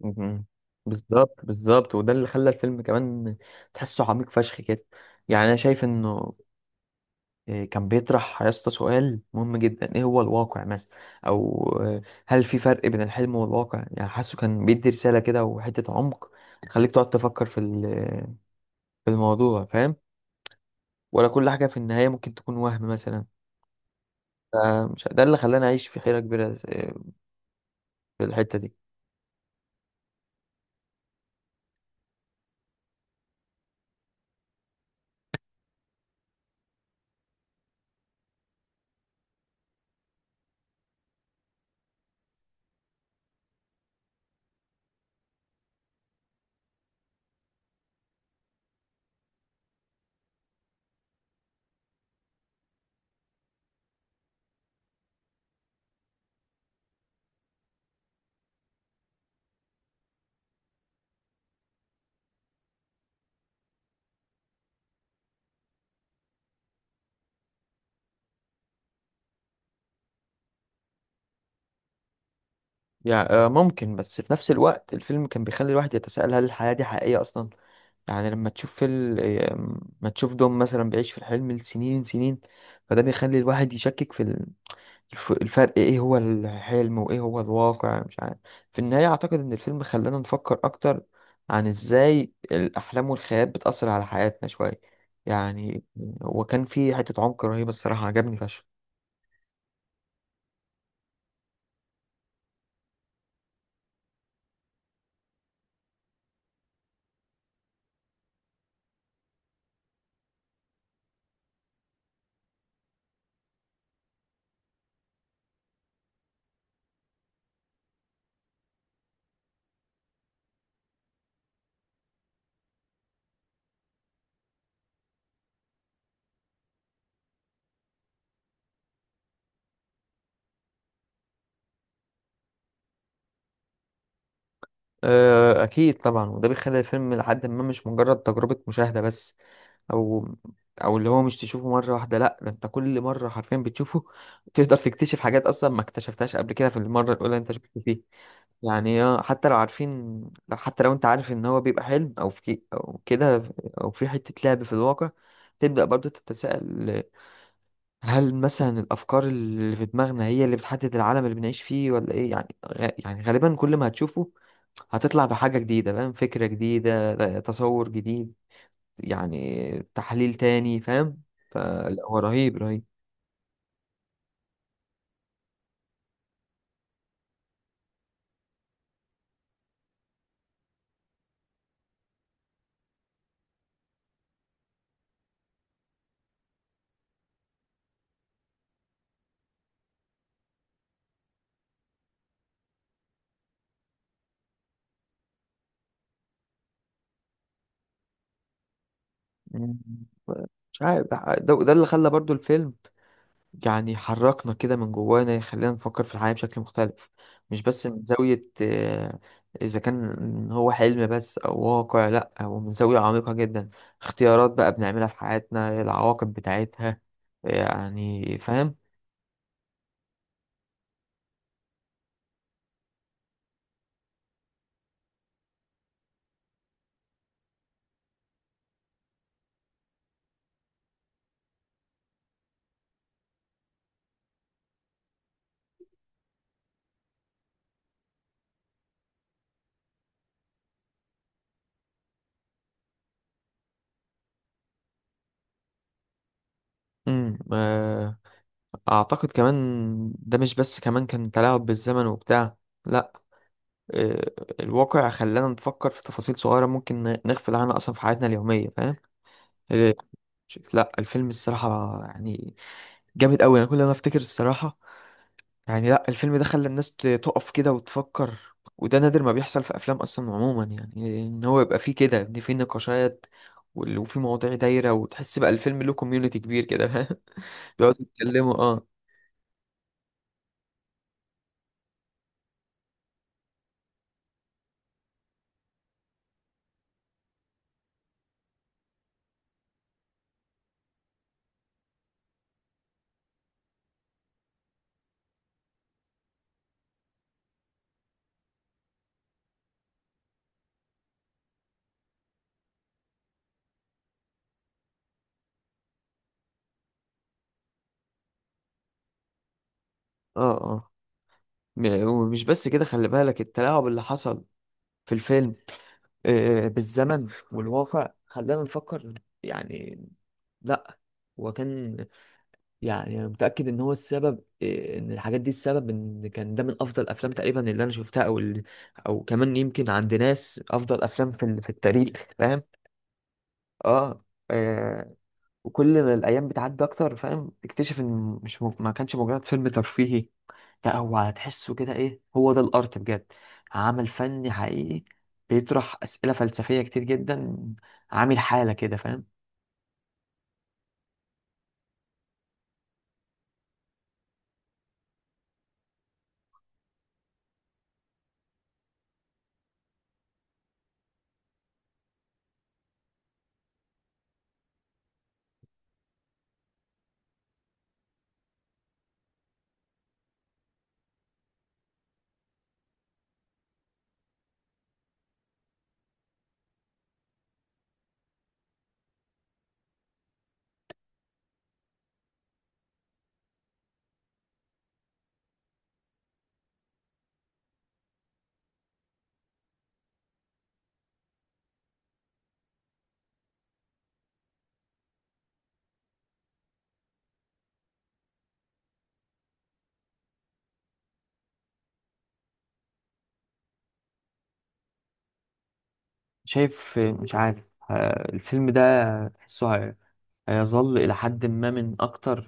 مم. بالظبط بالظبط، وده اللي خلى الفيلم كمان تحسه عميق فشخ كده. يعني انا شايف انه كان بيطرح يا اسطى سؤال مهم جدا، ايه هو الواقع مثلا؟ او هل في فرق بين الحلم والواقع؟ يعني حاسه كان بيدي رسالة كده وحتة عمق تخليك تقعد تفكر في في الموضوع، فاهم؟ ولا كل حاجة في النهاية ممكن تكون وهم مثلا. فمش ده اللي خلاني اعيش في حيرة كبيرة في الحتة دي. يعني ممكن، بس في نفس الوقت الفيلم كان بيخلي الواحد يتساءل هل الحياة دي حقيقية أصلا؟ يعني لما تشوف فيلم، ما تشوف دوم مثلا بيعيش في الحلم لسنين سنين، فده بيخلي الواحد يشكك في الفرق، ايه هو الحلم وايه هو الواقع، مش عارف. في النهاية اعتقد ان الفيلم خلانا نفكر اكتر عن ازاي الاحلام والخيال بتأثر على حياتنا شوية. يعني هو كان فيه حتة عمق رهيبة الصراحة، عجبني فشخ. أكيد طبعا، وده بيخلي الفيلم لحد ما مش مجرد تجربة مشاهدة بس. او او اللي هو مش تشوفه مره واحده، لا ده انت كل مره حرفيا بتشوفه تقدر تكتشف حاجات اصلا ما اكتشفتهاش قبل كده في المره الاولى اللي انت شفته فيه. يعني حتى لو عارفين، لو حتى لو انت عارف ان هو بيبقى حلم او في او كده، او في حته لعب في الواقع، تبدا برضو تتساءل هل مثلا الافكار اللي في دماغنا هي اللي بتحدد العالم اللي بنعيش فيه ولا ايه؟ يعني يعني غالبا كل ما هتشوفه هتطلع بحاجه جديده، فاهم؟ فكره جديده، تصور جديد، يعني تحليل تاني، فاهم؟ فلا هو رهيب رهيب. مم. مش عارف، ده اللي خلى برضو الفيلم يعني حركنا كده من جوانا، يخلينا نفكر في الحياة بشكل مختلف. مش بس من زاوية إذا كان هو حلم بس أو واقع، لأ هو من زاوية عميقة جدا، اختيارات بقى بنعملها في حياتنا، العواقب بتاعتها، يعني فاهم؟ مم. أعتقد كمان ده مش بس كمان كان تلاعب بالزمن وبتاع، لأ، آه، الواقع خلانا نفكر في تفاصيل صغيرة ممكن نغفل عنها أصلا في حياتنا اليومية، فاهم؟ آه، شوف، لا الفيلم الصراحة يعني جامد أوي، أنا كل ما أفتكر الصراحة. يعني لا الفيلم ده خلى الناس تقف كده وتفكر، وده نادر ما بيحصل في أفلام أصلا عموما، يعني إن هو يبقى فيه كده، إن فيه نقاشات وفي مواضيع دايرة، وتحس بقى الفيلم له كوميونيتي كبير كده، فاهم؟ بيقعدوا يتكلموا. اه اه اه. ومش بس كده، خلي بالك التلاعب اللي حصل في الفيلم بالزمن والواقع خلانا نفكر، يعني. لا هو كان، يعني انا متاكد ان هو السبب، ان الحاجات دي السبب ان كان ده من افضل افلام تقريبا اللي انا شفتها، او كمان يمكن عند ناس افضل افلام في في التاريخ، فاهم؟ اه. آه، وكل ما الايام بتعدي اكتر فاهم، تكتشف ان مش ما كانش مجرد فيلم ترفيهي، لا هو هتحسه كده ايه هو ده الارت بجد، عمل فني حقيقي بيطرح اسئله فلسفيه كتير جدا، عامل حاله كده، فاهم؟ شايف مش عارف. الفيلم ده تحسه هيظل الى حد ما من اكتر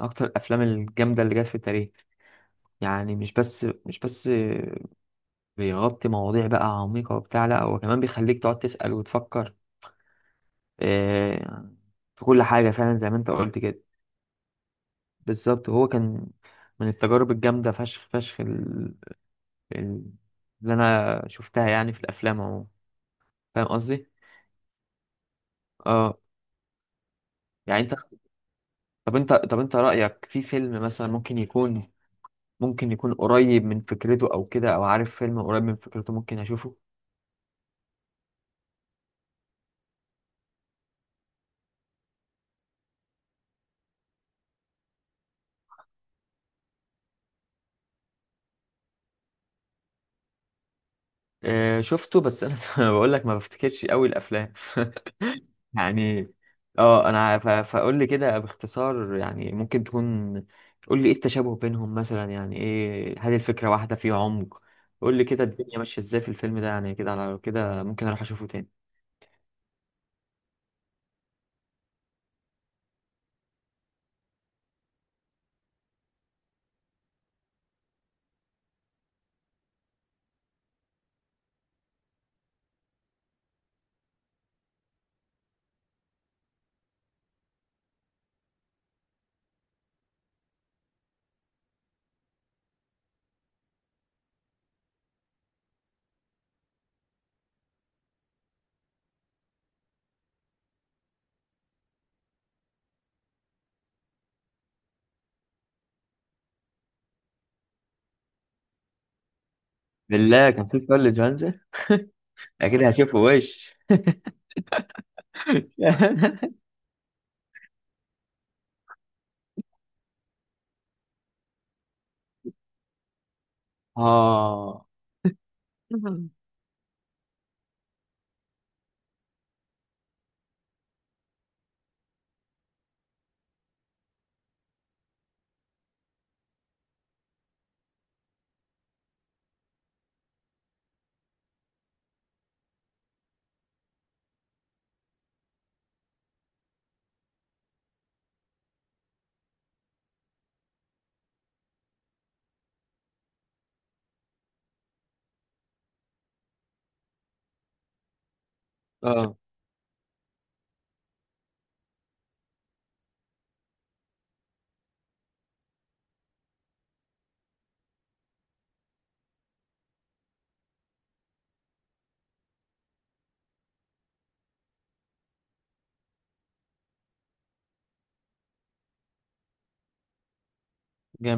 اكتر الافلام الجامده اللي جت في التاريخ. يعني مش بس بيغطي مواضيع بقى عميقه وبتاع، لا هو كمان بيخليك تقعد تسال وتفكر آه، في كل حاجة فعلا، زي ما انت قلت كده. بالظبط، هو كان من التجارب الجامدة فشخ فشخ ال- اللي انا شفتها يعني في الافلام اهو، فاهم قصدي؟ اه. يعني انت، طب انت رأيك في فيلم مثلا ممكن يكون، ممكن يكون قريب من فكرته او كده، او عارف فيلم قريب من فكرته ممكن اشوفه؟ شفته، بس انا بقول لك ما بفتكرش قوي الافلام. يعني اه انا فاقول لي كده باختصار يعني ممكن تكون، قول لي ايه التشابه بينهم مثلا، يعني ايه؟ هل الفكره واحده؟ فيه عمق؟ قول لي كده الدنيا ماشيه ازاي في الفيلم ده، يعني كده على كده ممكن اروح اشوفه تاني. بالله كان في سؤال لجوانزا؟ اكيد هشوفه وش. اه اه جامد.